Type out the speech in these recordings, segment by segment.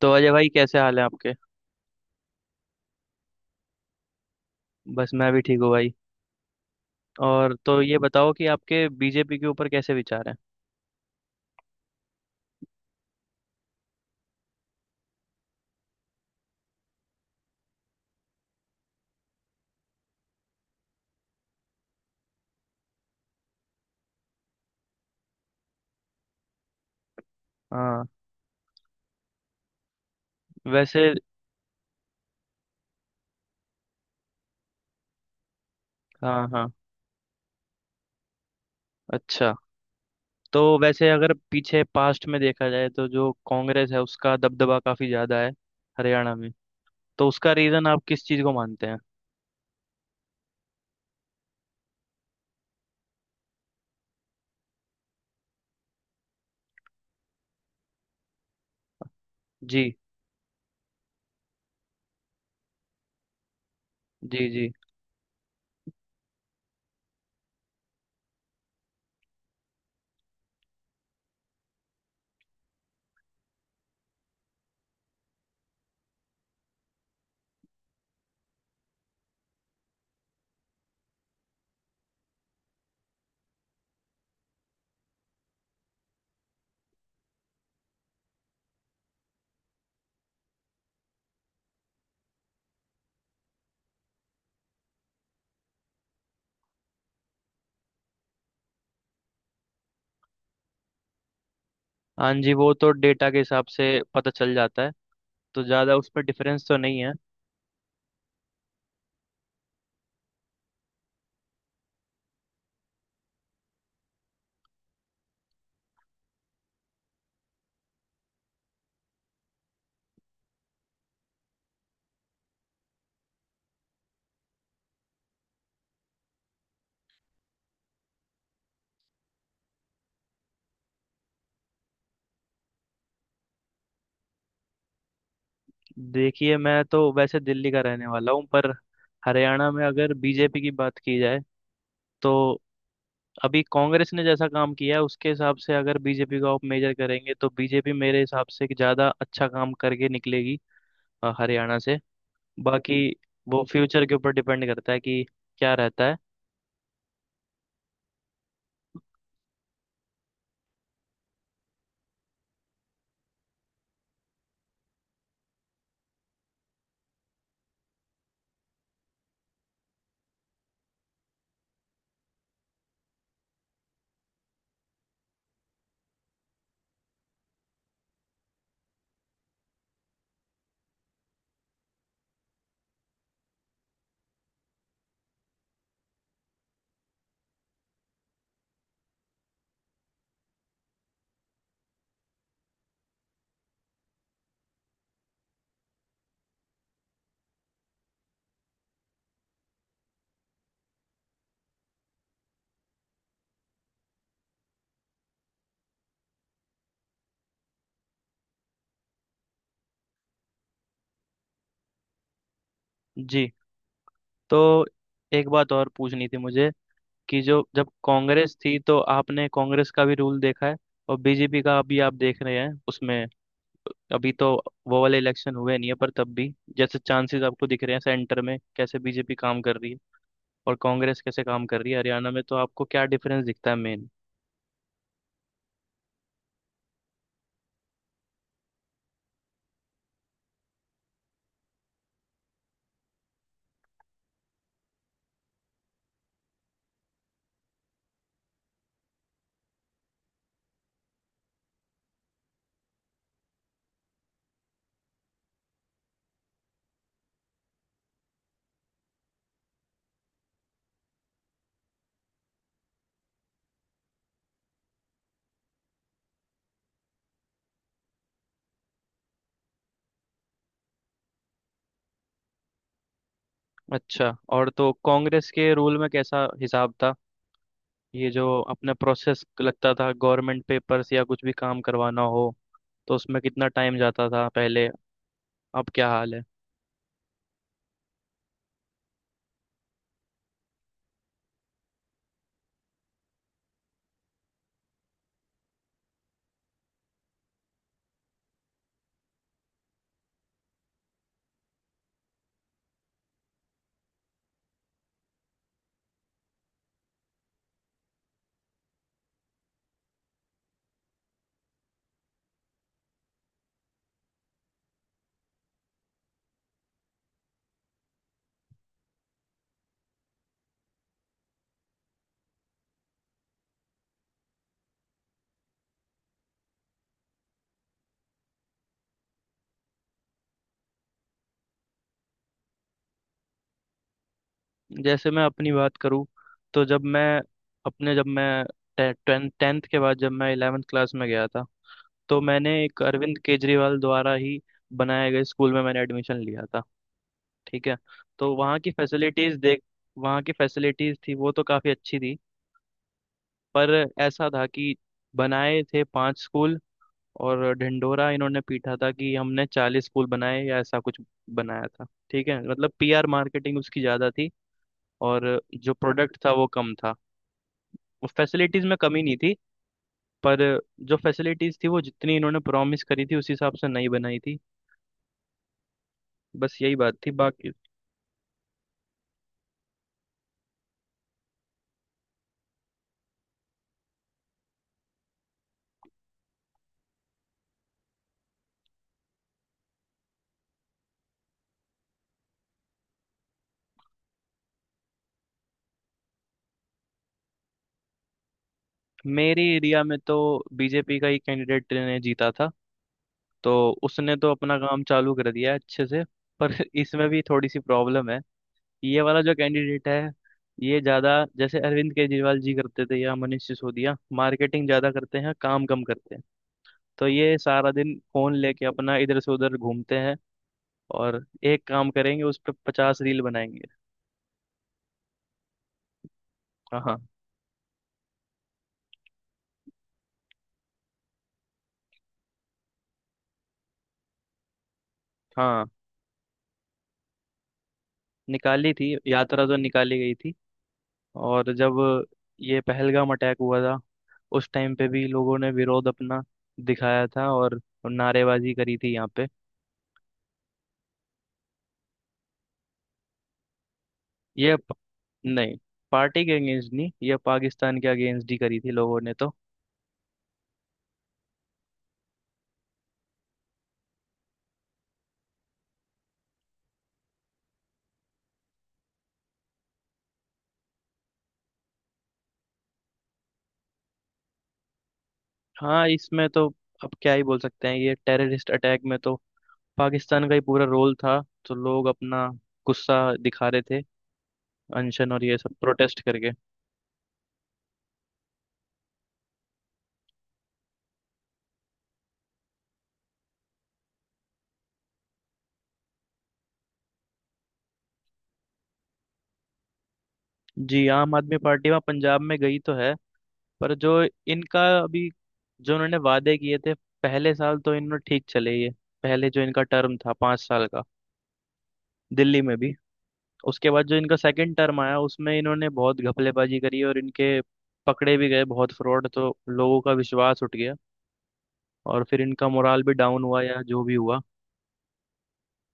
तो अजय भाई, कैसे हाल है आपके? बस मैं भी ठीक हूँ भाई। और तो ये बताओ कि आपके बीजेपी के ऊपर कैसे विचार हैं? हाँ। वैसे। हाँ हाँ। अच्छा। तो वैसे अगर पीछे पास्ट में देखा जाए तो जो कांग्रेस है उसका दबदबा काफी ज्यादा है हरियाणा में। तो उसका रीजन आप किस चीज को मानते हैं? जी जी। जी। हाँ जी। वो तो डेटा के हिसाब से पता चल जाता है। तो ज्यादा उस पर डिफरेंस तो नहीं है। देखिए, मैं तो वैसे दिल्ली का रहने वाला हूँ, पर हरियाणा में अगर बीजेपी की बात की जाए तो अभी कांग्रेस ने जैसा काम किया है उसके हिसाब से अगर बीजेपी का आप मेजर करेंगे तो बीजेपी मेरे हिसाब से कि ज्यादा अच्छा काम करके निकलेगी, हरियाणा से। बाकी वो फ्यूचर के ऊपर डिपेंड करता है कि क्या रहता है। जी। तो एक बात और पूछनी थी मुझे कि जो जब कांग्रेस थी तो आपने कांग्रेस का भी रूल देखा है और बीजेपी का अभी आप देख रहे हैं। उसमें अभी तो वो वाले इलेक्शन हुए नहीं है, पर तब भी जैसे चांसेस आपको दिख रहे हैं सेंटर में कैसे बीजेपी काम कर रही है और कांग्रेस कैसे काम कर रही है हरियाणा में, तो आपको क्या डिफरेंस दिखता है मेन? अच्छा, और तो कांग्रेस के रूल में कैसा हिसाब था? ये जो अपना प्रोसेस लगता था, गवर्नमेंट पेपर्स या कुछ भी काम करवाना हो, तो उसमें कितना टाइम जाता था पहले? अब क्या हाल है? जैसे मैं अपनी बात करूँ, तो जब मैं टेंथ टेंथ के बाद जब मैं 11th क्लास में गया था, तो मैंने एक अरविंद केजरीवाल द्वारा ही बनाए गए स्कूल में मैंने एडमिशन लिया था। ठीक है। तो वहाँ की फैसिलिटीज देख वहाँ की फैसिलिटीज थी वो तो काफ़ी अच्छी थी। पर ऐसा था कि बनाए थे पांच स्कूल और ढिंढोरा इन्होंने पीटा था कि हमने 40 स्कूल बनाए या ऐसा कुछ बनाया था। ठीक है, मतलब पीआर मार्केटिंग उसकी ज़्यादा थी और जो प्रोडक्ट था वो कम था। उस फैसिलिटीज़ में कमी नहीं थी, पर जो फैसिलिटीज़ थी वो जितनी इन्होंने प्रॉमिस करी थी उस हिसाब से नहीं बनाई थी। बस यही बात थी बाकी। मेरे एरिया में तो बीजेपी का ही कैंडिडेट ने जीता था, तो उसने तो अपना काम चालू कर दिया है अच्छे से। पर इसमें भी थोड़ी सी प्रॉब्लम है। ये वाला जो कैंडिडेट है, ये ज्यादा, जैसे अरविंद केजरीवाल जी करते थे या मनीष सिसोदिया, मार्केटिंग ज्यादा करते हैं, काम कम करते हैं। तो ये सारा दिन फोन लेके अपना इधर से उधर घूमते हैं, और एक काम करेंगे उस पर 50 रील बनाएंगे। हाँ हाँ। हाँ, निकाली थी, यात्रा तो निकाली गई थी। और जब ये पहलगाम अटैक हुआ था, उस टाइम पे भी लोगों ने विरोध अपना दिखाया था और नारेबाजी करी थी यहाँ पे। ये प- नहीं, पार्टी के अगेंस्ट नहीं, ये पाकिस्तान के अगेंस्ट ही करी थी लोगों ने तो। हाँ, इसमें तो अब क्या ही बोल सकते हैं, ये टेररिस्ट अटैक में तो पाकिस्तान का ही पूरा रोल था। तो लोग अपना गुस्सा दिखा रहे थे, अनशन और ये सब प्रोटेस्ट करके। जी, आम आदमी पार्टी वहाँ पंजाब में गई तो है, पर जो इनका अभी, जो इन्होंने वादे किए थे, पहले साल तो इन्होंने ठीक चले ये। पहले जो इनका टर्म था 5 साल का दिल्ली में भी, उसके बाद जो इनका सेकंड टर्म आया उसमें इन्होंने बहुत घपलेबाजी करी और इनके पकड़े भी गए बहुत फ्रॉड, तो लोगों का विश्वास उठ गया और फिर इनका मोराल भी डाउन हुआ या जो भी हुआ।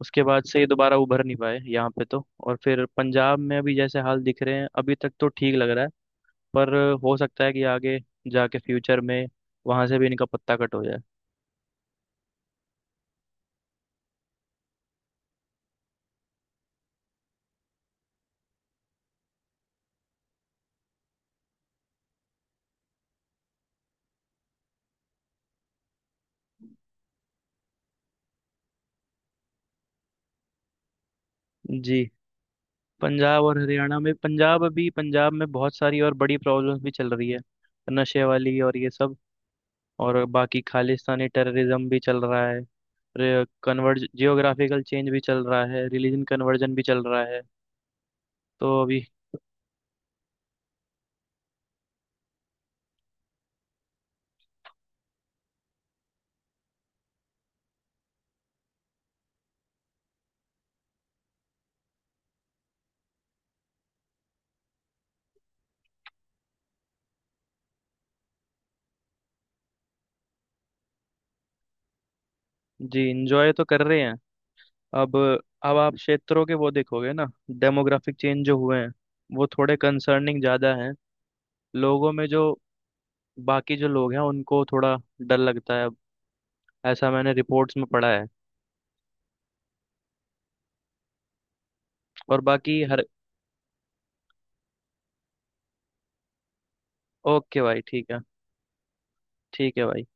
उसके बाद से ये दोबारा उभर नहीं पाए यहाँ पे तो। और फिर पंजाब में अभी जैसे हाल दिख रहे हैं अभी तक तो ठीक लग रहा है, पर हो सकता है कि आगे जाके फ्यूचर में वहां से भी इनका पत्ता कट हो जाए। जी। पंजाब और हरियाणा में, पंजाब, अभी पंजाब में बहुत सारी और बड़ी प्रॉब्लम्स भी चल रही है, नशे वाली और ये सब। और बाकी खालिस्तानी टेररिज्म भी चल रहा है, कन्वर्ज जियोग्राफिकल चेंज भी चल रहा है, रिलीजन कन्वर्जन भी चल रहा है, तो अभी। जी, इंजॉय तो कर रहे हैं। अब अब आप क्षेत्रों के वो देखोगे ना, डेमोग्राफिक चेंज जो हुए हैं वो थोड़े कंसर्निंग ज़्यादा हैं। लोगों में जो, बाकी जो लोग हैं उनको थोड़ा डर लगता है, ऐसा मैंने रिपोर्ट्स में पढ़ा है। और बाकी। ओके भाई ठीक है। ठीक है भाई।